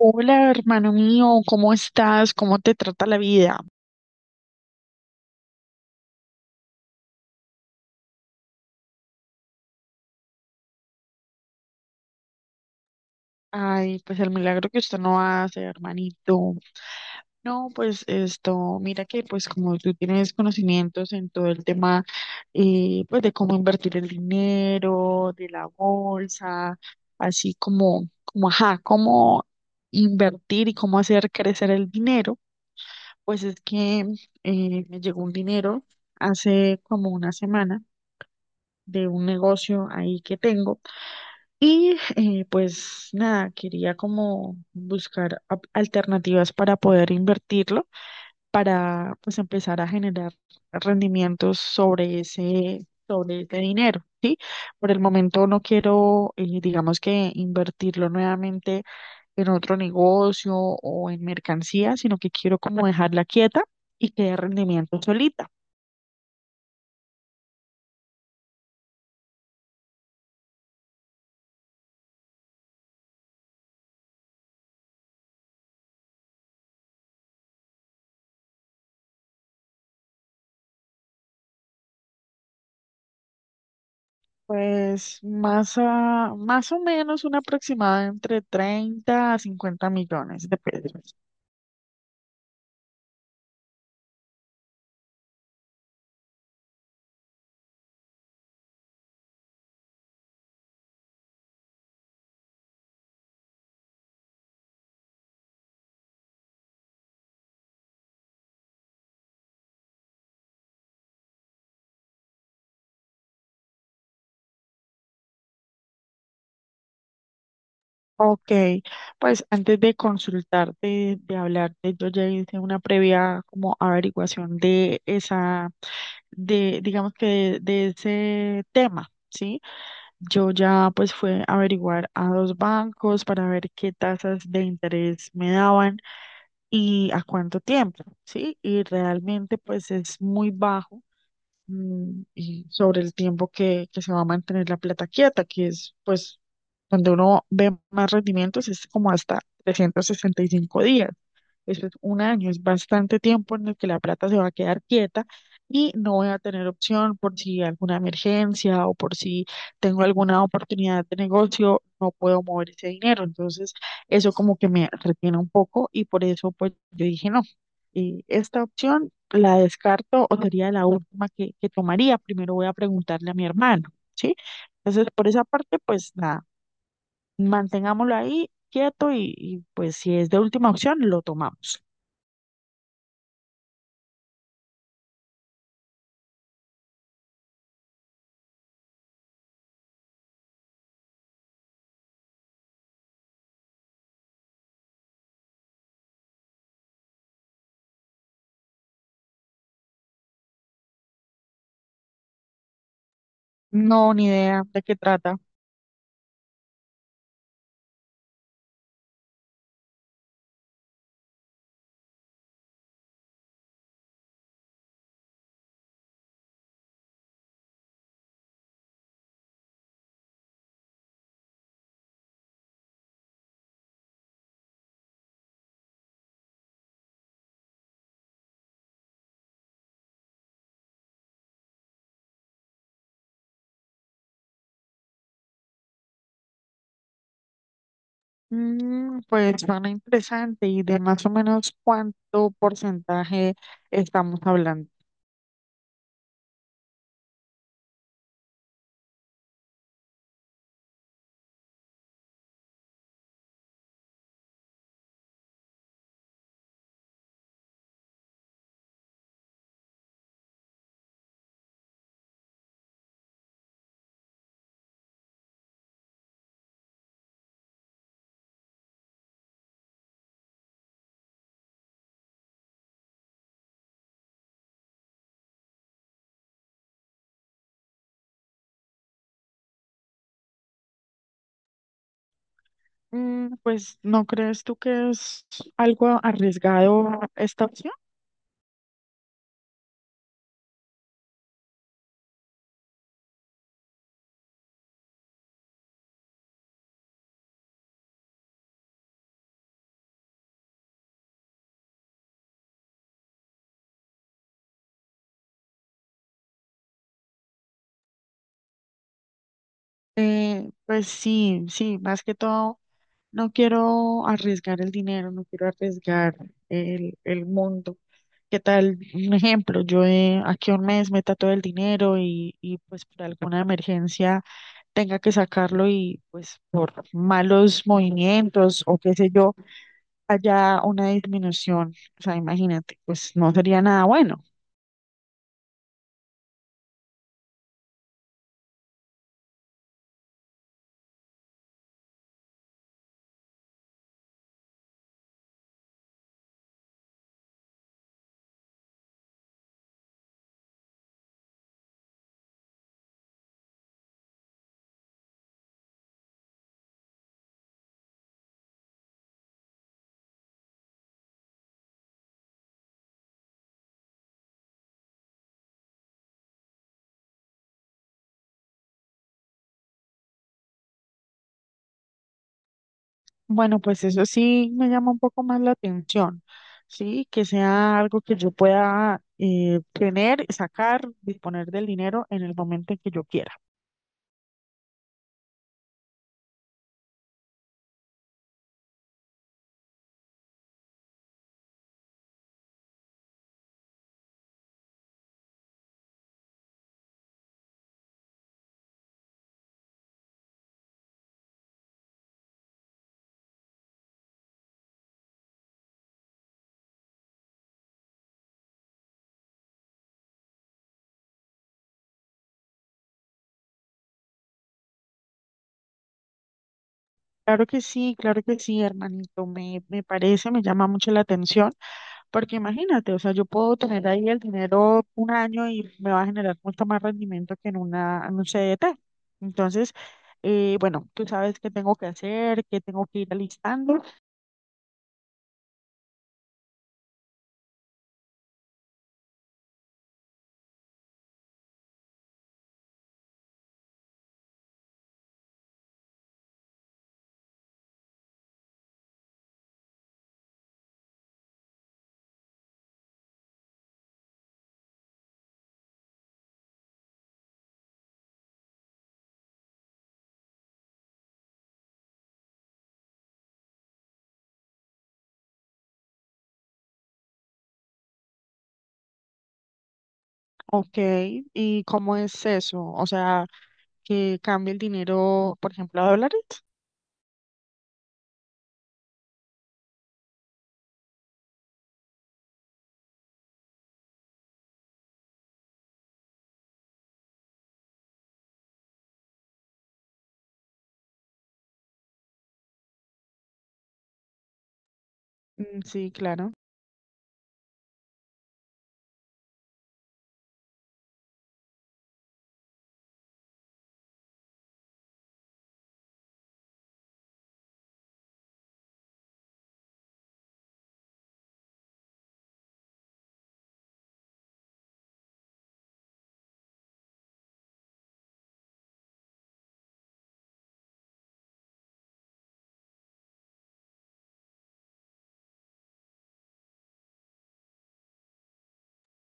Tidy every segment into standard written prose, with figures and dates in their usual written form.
Hola, hermano mío, ¿cómo estás? ¿Cómo te trata la vida? Ay, pues el milagro que usted no hace, hermanito. No, pues esto, mira que pues como tú tienes conocimientos en todo el tema, pues de cómo invertir el dinero, de la bolsa, así como, ajá, cómo invertir y cómo hacer crecer el dinero, pues es que me llegó un dinero hace como una semana de un negocio ahí que tengo. Y pues nada, quería como buscar alternativas para poder invertirlo, para pues empezar a generar rendimientos sobre ese dinero, ¿sí? Por el momento no quiero, digamos que invertirlo nuevamente en otro negocio o en mercancía, sino que quiero como dejarla quieta y que dé rendimiento solita. Pues más, más o menos una aproximada entre 30 a 50 millones de pesos. Ok, pues antes de consultarte, de hablarte, yo ya hice una previa como averiguación de esa, de, digamos que de ese tema, ¿sí? Yo ya pues fue a averiguar a dos bancos para ver qué tasas de interés me daban y a cuánto tiempo, ¿sí? Y realmente pues es muy bajo, y sobre el tiempo que se va a mantener la plata quieta, que es pues donde uno ve más rendimientos, es como hasta 365 días. Eso es un año, es bastante tiempo en el que la plata se va a quedar quieta y no voy a tener opción por si alguna emergencia o por si tengo alguna oportunidad de negocio, no puedo mover ese dinero. Entonces, eso como que me retiene un poco y por eso pues yo dije no. Y esta opción la descarto o sería la última que tomaría. Primero voy a preguntarle a mi hermano, ¿sí? Entonces, por esa parte, pues nada, mantengámoslo ahí quieto y pues si es de última opción, lo tomamos. No, ni idea de qué trata. Mm, pues suena interesante y de más o menos cuánto porcentaje estamos hablando. Mm, pues ¿no crees tú que es algo arriesgado esta opción? Pues sí, sí, más que todo. No quiero arriesgar el dinero, no quiero arriesgar el mundo. ¿Qué tal? Un ejemplo, yo, aquí a un mes meta todo el dinero y pues por alguna emergencia tenga que sacarlo y pues por malos movimientos o qué sé yo, haya una disminución. O sea, imagínate, pues no sería nada bueno. Bueno, pues eso sí me llama un poco más la atención, ¿sí? Que sea algo que yo pueda, tener, sacar, disponer del dinero en el momento en que yo quiera. Claro que sí, hermanito, me parece, me llama mucho la atención, porque imagínate, o sea, yo puedo tener ahí el dinero un año y me va a generar mucho más rendimiento que en una, en un CDT. Entonces, bueno, tú sabes qué tengo que hacer, qué tengo que ir alistando. Ok, ¿y cómo es eso? O sea, que cambie el dinero, por ejemplo, a dólares. Mm, sí, claro.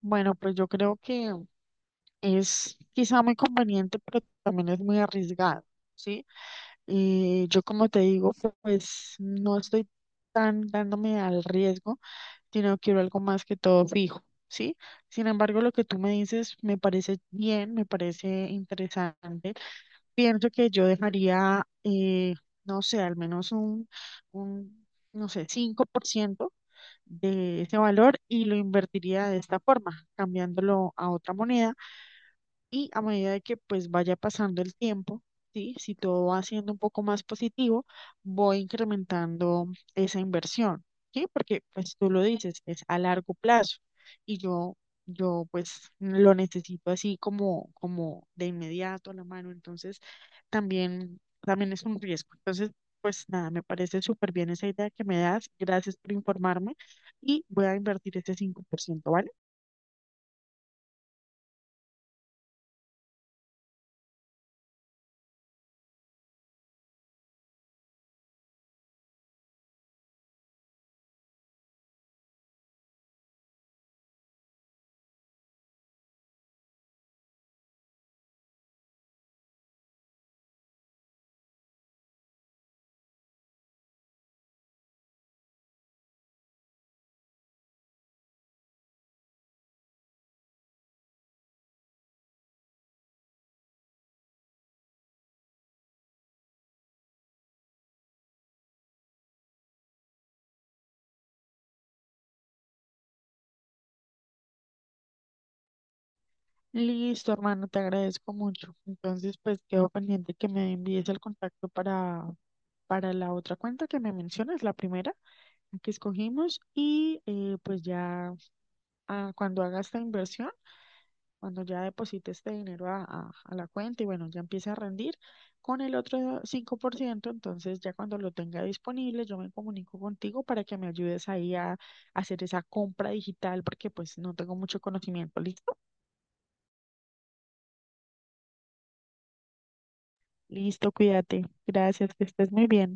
Bueno, pues yo creo que es quizá muy conveniente, pero también es muy arriesgado, ¿sí? Y yo como te digo, pues no estoy tan dándome al riesgo, sino quiero algo más que todo fijo, ¿sí? Sin embargo, lo que tú me dices me parece bien, me parece interesante. Pienso que yo dejaría, no sé, al menos un, no sé, 5% de ese valor y lo invertiría de esta forma, cambiándolo a otra moneda y a medida de que pues vaya pasando el tiempo, ¿sí? Si todo va siendo un poco más positivo, voy incrementando esa inversión, ¿sí? Porque pues tú lo dices, es a largo plazo y yo pues lo necesito así como, como de inmediato a la mano, entonces también, también es un riesgo. Entonces, pues nada, me parece súper bien esa idea que me das, gracias por informarme y voy a invertir ese 5%, ¿vale? Listo, hermano, te agradezco mucho. Entonces, pues quedo pendiente que me envíes el contacto para la otra cuenta que me mencionas, la primera la que escogimos, y pues ya, ah, cuando haga esta inversión, cuando ya deposite este dinero a la cuenta y bueno, ya empiece a rendir con el otro 5%, entonces ya cuando lo tenga disponible, yo me comunico contigo para que me ayudes ahí a hacer esa compra digital, porque pues no tengo mucho conocimiento, ¿listo? Listo, cuídate. Gracias, que estés muy bien.